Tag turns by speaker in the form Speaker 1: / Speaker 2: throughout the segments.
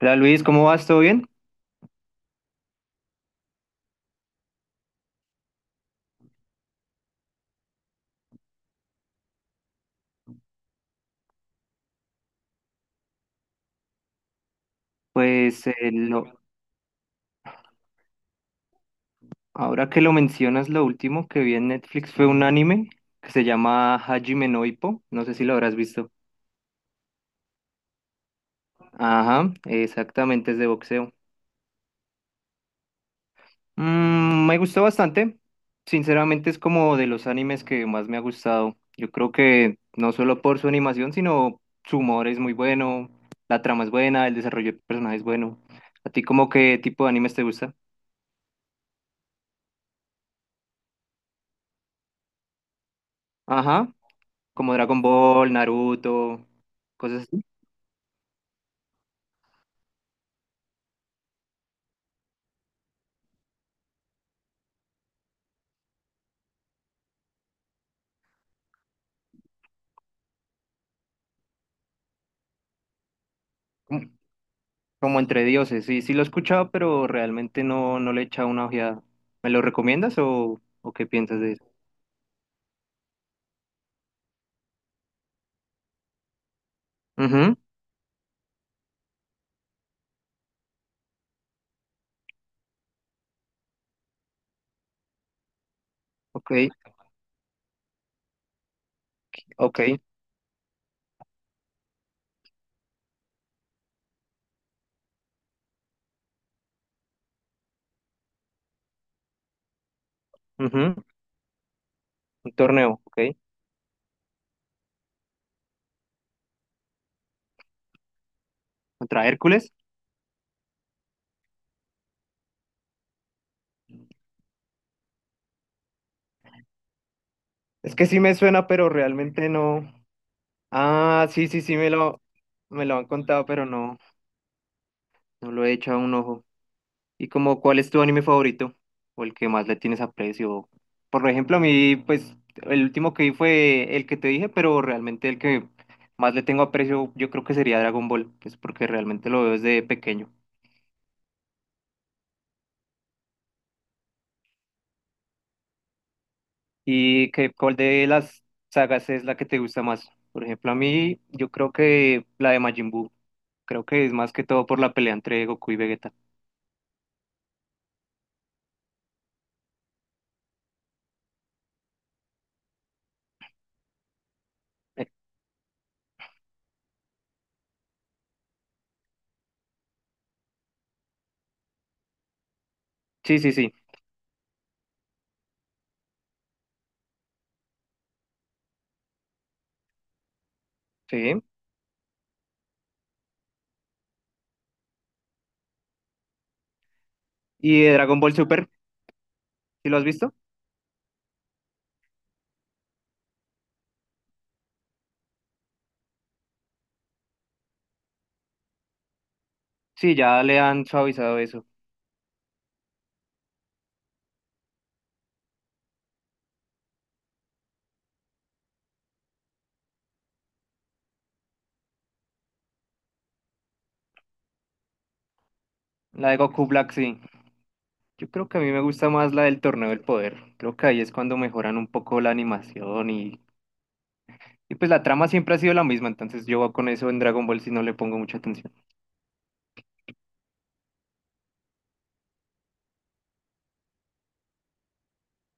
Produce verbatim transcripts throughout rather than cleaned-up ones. Speaker 1: Hola Luis, ¿cómo vas? ¿Todo bien? Pues eh, lo- ahora que lo mencionas, lo último que vi en Netflix fue un anime que se llama Hajime no Ippo. No sé si lo habrás visto. Ajá, exactamente, es de boxeo. Mm, me gustó bastante. Sinceramente es como de los animes que más me ha gustado. Yo creo que no solo por su animación, sino su humor es muy bueno, la trama es buena, el desarrollo de personajes es bueno. ¿A ti como qué tipo de animes te gusta? Ajá. Como Dragon Ball, Naruto, cosas así, como, como entre dioses. Sí, sí lo he escuchado, pero realmente no, no le he echado una ojeada. ¿Me lo recomiendas o, o qué piensas de eso? Ujú, ok, ok, ujú, un torneo, ok. ¿Contra Hércules? Es que sí me suena, pero realmente no. Ah, sí, sí, sí, me lo, me lo han contado, pero no, no lo he echado un ojo. Y como, ¿cuál es tu anime favorito? O el que más le tienes aprecio. Por ejemplo, a mí, pues, el último que vi fue el que te dije, pero realmente el que más le tengo aprecio, yo creo que sería Dragon Ball, pues porque realmente lo veo desde pequeño. ¿Y qué, cuál de las sagas es la que te gusta más? Por ejemplo, a mí, yo creo que la de Majin Buu. Creo que es más que todo por la pelea entre Goku y Vegeta. Eh, sí, sí, sí, sí. ¿Y de Dragon Ball Super? ¿Sí lo has visto? Sí, ya le han suavizado eso. La de Goku Black, sí. Yo creo que a mí me gusta más la del Torneo del Poder. Creo que ahí es cuando mejoran un poco la animación y, y pues la trama siempre ha sido la misma, entonces yo con eso en Dragon Ball si no le pongo mucha atención.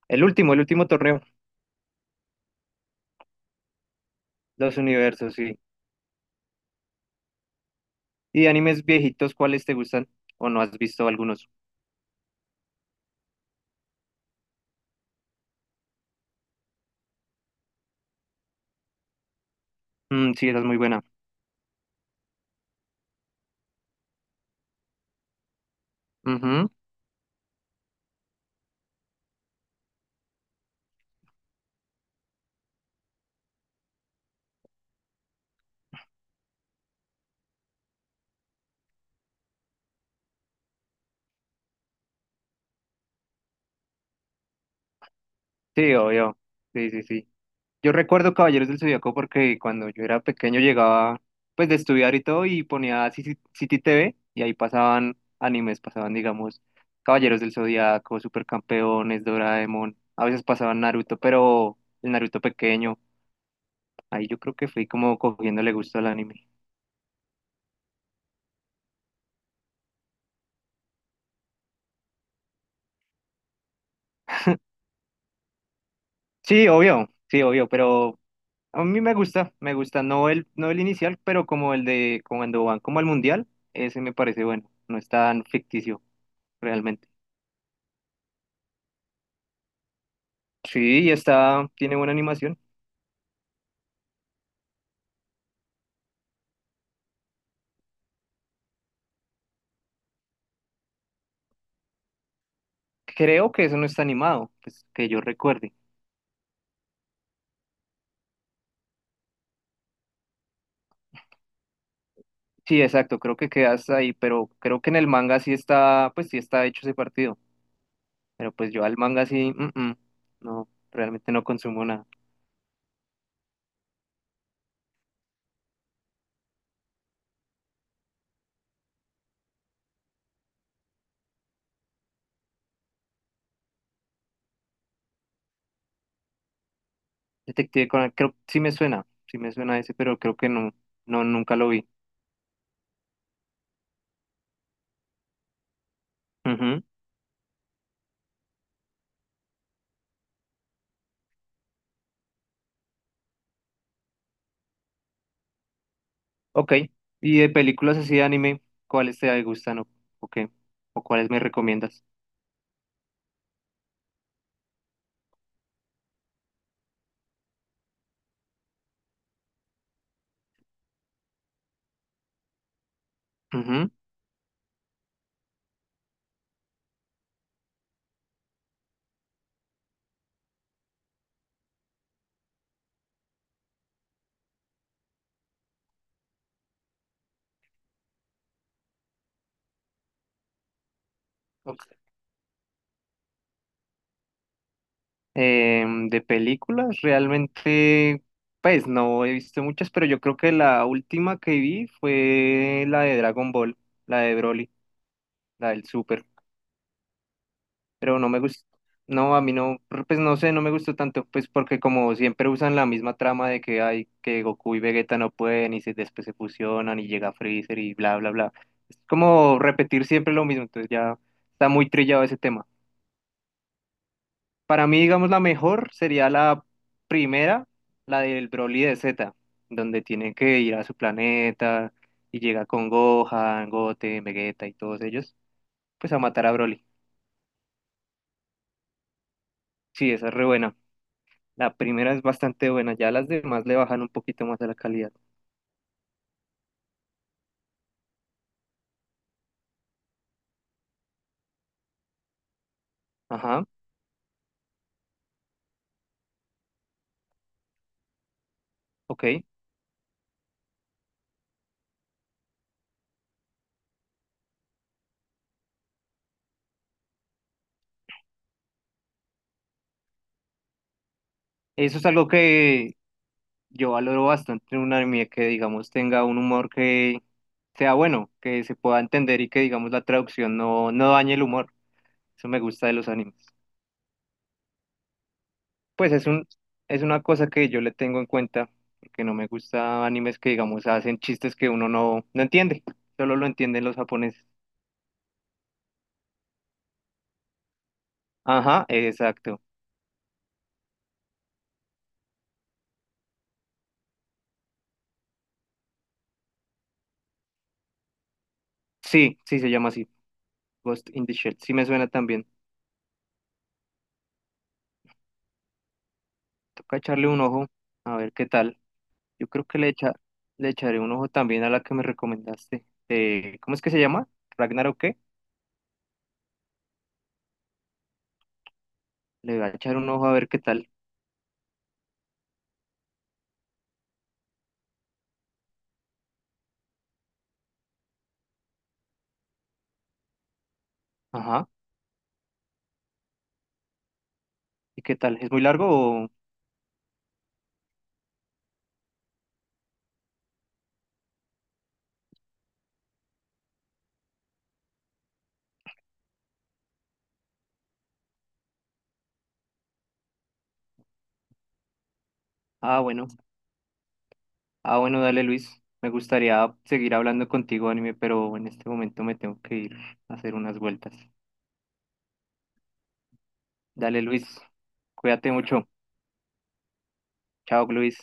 Speaker 1: El último, el último torneo, los universos, sí. Y de animes viejitos, ¿cuáles te gustan? ¿O no has visto algunos? Mm, sí, esa es muy buena. Ujú. Sí, obvio. Sí, sí, sí. Yo recuerdo Caballeros del Zodíaco porque cuando yo era pequeño llegaba pues de estudiar y todo y ponía Ci- Ci- City T v y ahí pasaban animes, pasaban digamos Caballeros del Zodíaco, Supercampeones, Doraemon, a veces pasaban Naruto, pero el Naruto pequeño. Ahí yo creo que fui como cogiéndole gusto al anime. Sí, obvio, sí, obvio, pero a mí me gusta, me gusta, no el, no el inicial, pero como el de cuando van como al mundial, ese me parece bueno, no es tan ficticio realmente. Sí, y está, tiene buena animación. Creo que eso no está animado, pues que yo recuerde. Sí, exacto, creo que queda hasta ahí, pero creo que en el manga sí está, pues sí está hecho ese partido, pero pues yo al manga sí, mm, mm, no, realmente no consumo nada. Detective Conan, creo, sí me suena, sí me suena ese, pero creo que no, no, nunca lo vi. Ujú, ok. ¿Y de películas así de anime, cuáles te gustan o, o qué? ¿O cuáles me recomiendas? Ujú, ok. Em, de películas, realmente, pues no he visto muchas, pero yo creo que la última que vi fue la de Dragon Ball, la de Broly, la del Super. Pero no me gusta, no, a mí no, pues no sé, no me gustó tanto, pues porque como siempre usan la misma trama de que hay que Goku y Vegeta no pueden y se, después se fusionan y llega Freezer y bla, bla, bla. Es como repetir siempre lo mismo, entonces ya está muy trillado ese tema. Para mí, digamos, la mejor sería la primera, la del Broly de Z, donde tiene que ir a su planeta y llega con Gohan, Goten, Vegeta y todos ellos, pues a matar a Broly. Sí, esa es re buena. La primera es bastante buena, ya las demás le bajan un poquito más a la calidad. Ajá, ok. Eso es algo que yo valoro bastante en un anime que, digamos, tenga un humor que sea bueno, que se pueda entender y que, digamos, la traducción no, no dañe el humor. Eso me gusta de los animes. Pues es un, es una cosa que yo le tengo en cuenta, porque no me gusta animes que, digamos, hacen chistes que uno no, no entiende, solo lo entienden los japoneses. Ajá, exacto. Sí, sí se llama así, Ghost in the Shell. Sí me suena también. Toca echarle un ojo, a ver qué tal. Yo creo que le echa, le echaré un ojo también a la que me recomendaste. Eh, ¿cómo es que se llama? ¿Ragnar o qué? Le voy a echar un ojo a ver qué tal. Ajá. ¿Y qué tal? ¿Es muy largo o...? Ah, bueno. Ah, bueno, dale, Luis. Me gustaría seguir hablando contigo, anime, pero en este momento me tengo que ir a hacer unas vueltas. Dale, Luis. Cuídate mucho. Chao, Luis.